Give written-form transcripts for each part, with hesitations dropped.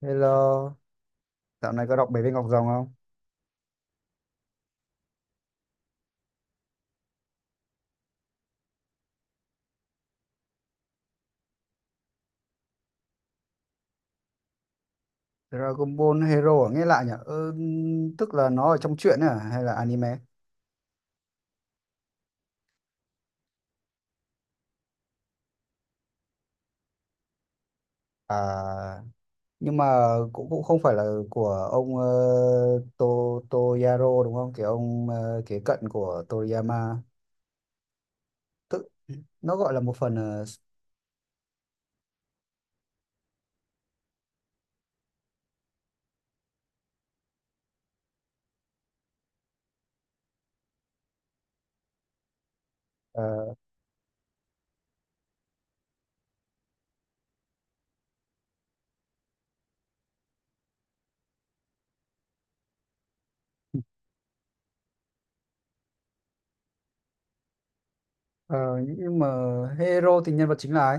Hello, dạo này có đọc Bảy viên ngọc rồng không? Dragon Ball Hero à? Nghe lạ nhỉ? Ừ, tức là nó ở trong truyện ấy à hay là anime? À, nhưng mà cũng cũng không phải là của ông To Toyaro đúng không? Cái ông kế cận của Toriyama. Tức nó gọi là một phần ờ, ờ, nhưng mà Hero thì nhân vật chính là ai?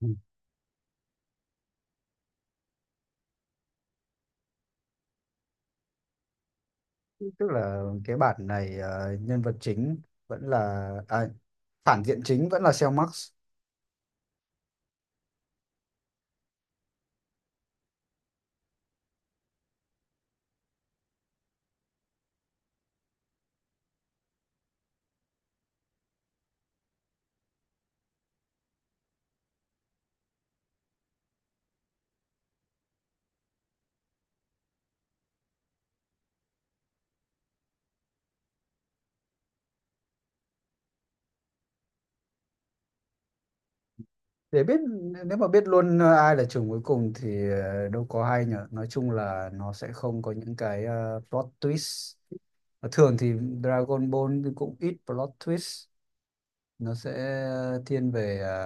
Ừ. Tức là cái bản này nhân vật chính vẫn là à, phản diện chính vẫn là Cell Max. Để biết nếu mà biết luôn ai là chủng cuối cùng thì đâu có hay nhở, nói chung là nó sẽ không có những cái plot twist. Và thường thì Dragon Ball thì cũng ít plot twist, nó sẽ thiên về ờ,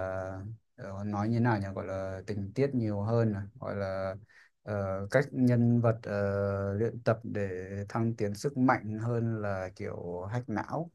ờ, nói như nào nhỉ, gọi là tình tiết nhiều hơn à, gọi là cách nhân vật luyện tập để thăng tiến sức mạnh hơn là kiểu hack não.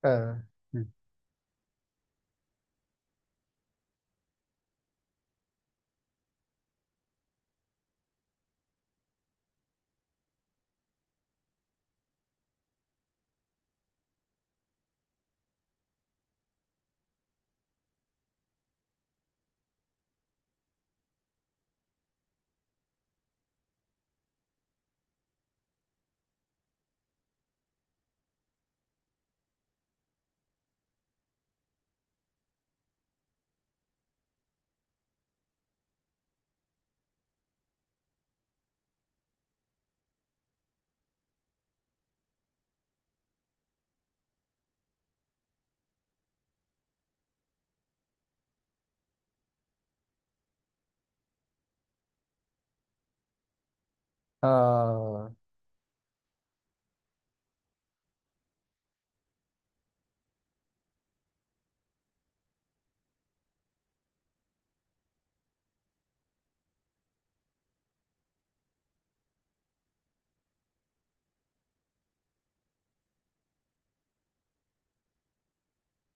Ờ. Ừ. Ờ,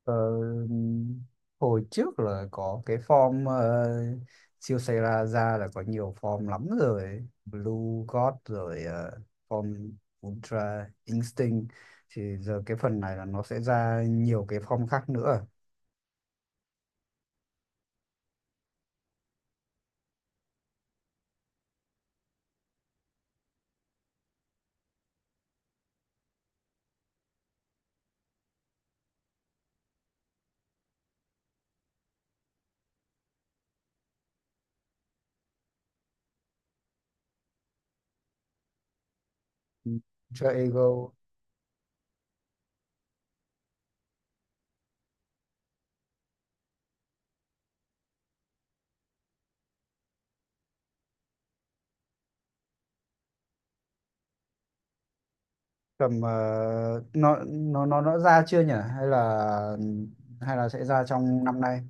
ờ, hồi trước là có cái form siêu xe ra ra là có nhiều form lắm rồi, Blue God rồi form Ultra Instinct, thì giờ cái phần này là nó sẽ ra nhiều cái form khác nữa. Ultra Ego cầm nó ra chưa nhỉ hay là sẽ ra trong năm nay?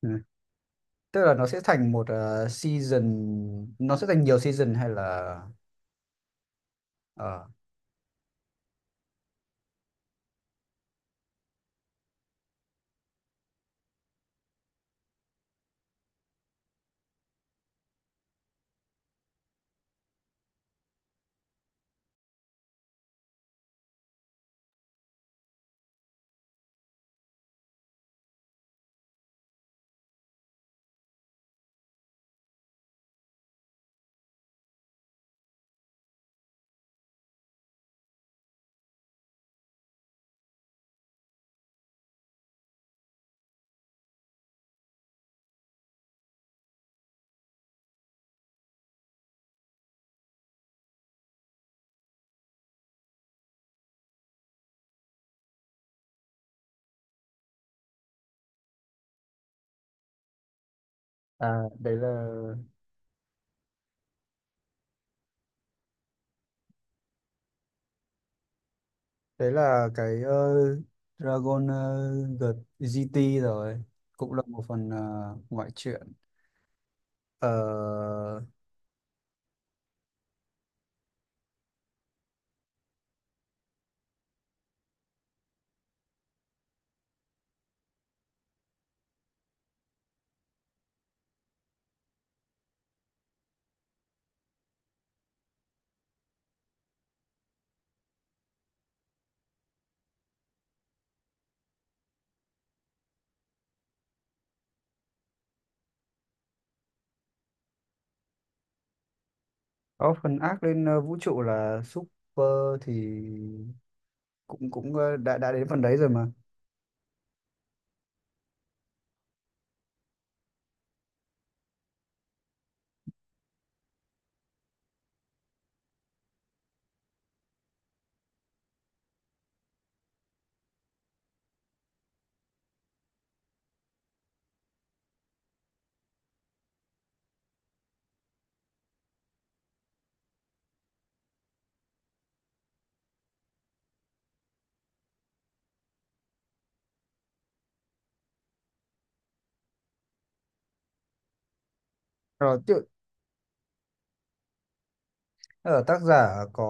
Ừ, tức là nó sẽ thành một season, nó sẽ thành nhiều season hay là ờ, à, đấy là cái Dragon G- GT rồi, cũng là một phần ngoại truyện. Ờ, có phần ác lên vũ trụ là Super thì cũng cũng đã đến phần đấy rồi mà. rồi tự- ờ, tác giả có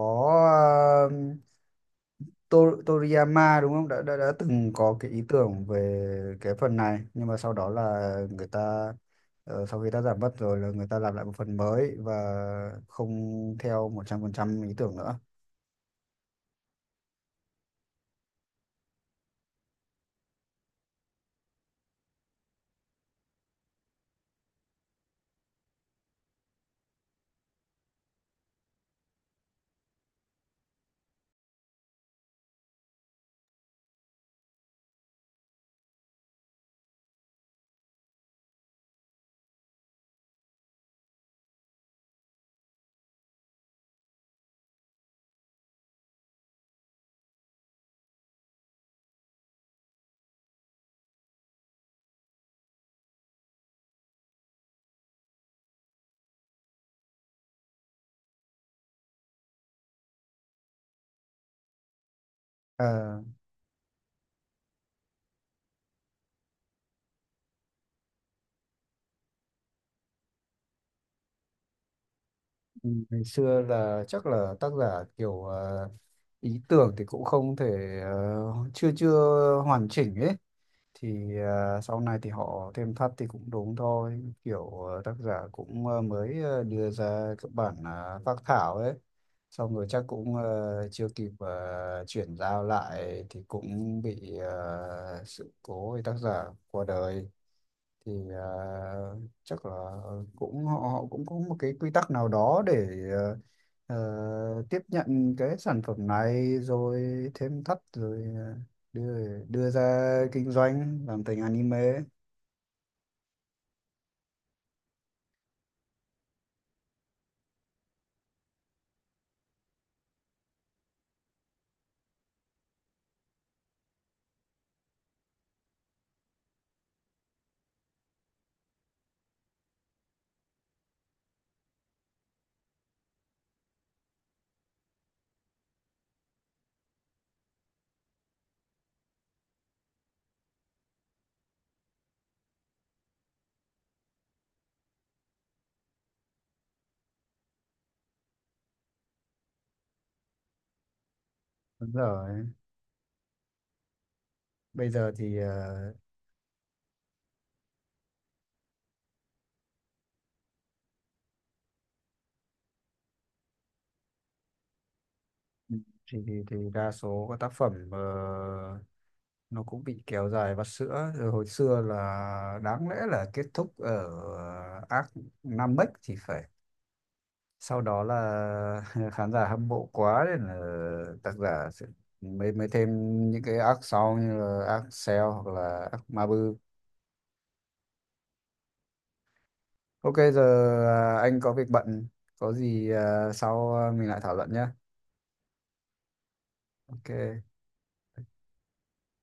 To- Toriyama đúng không đã từng có cái ý tưởng về cái phần này nhưng mà sau đó là người ta sau khi tác giả mất rồi là người ta làm lại một phần mới và không theo một trăm phần trăm ý tưởng nữa. Ờ, ngày xưa là chắc là tác giả kiểu ý tưởng thì cũng không thể ờ, chưa chưa hoàn chỉnh ấy, thì sau này thì họ thêm thắt thì cũng đúng thôi, kiểu tác giả cũng mới đưa ra các bản phác thảo ấy, xong rồi chắc cũng chưa kịp chuyển giao lại thì cũng bị sự cố thì tác giả qua đời, thì à, chắc là cũng họ cũng có một cái quy tắc nào đó để ờ, tiếp nhận cái sản phẩm này rồi thêm thắt rồi đưa đưa ra kinh doanh làm thành anime. Đúng rồi, bây giờ thì ờ, thì đa số các tác phẩm nó cũng bị kéo dài vắt sữa rồi, hồi xưa là đáng lẽ là kết thúc ở arc 5 thì phải, sau đó là khán giả hâm mộ quá nên là tác giả sẽ mới mới thêm những cái arc sau như là arc Cell hoặc là arc Mabu. Ok giờ à, anh có việc bận, có gì à, sau à, mình lại thảo luận nhé. Ok.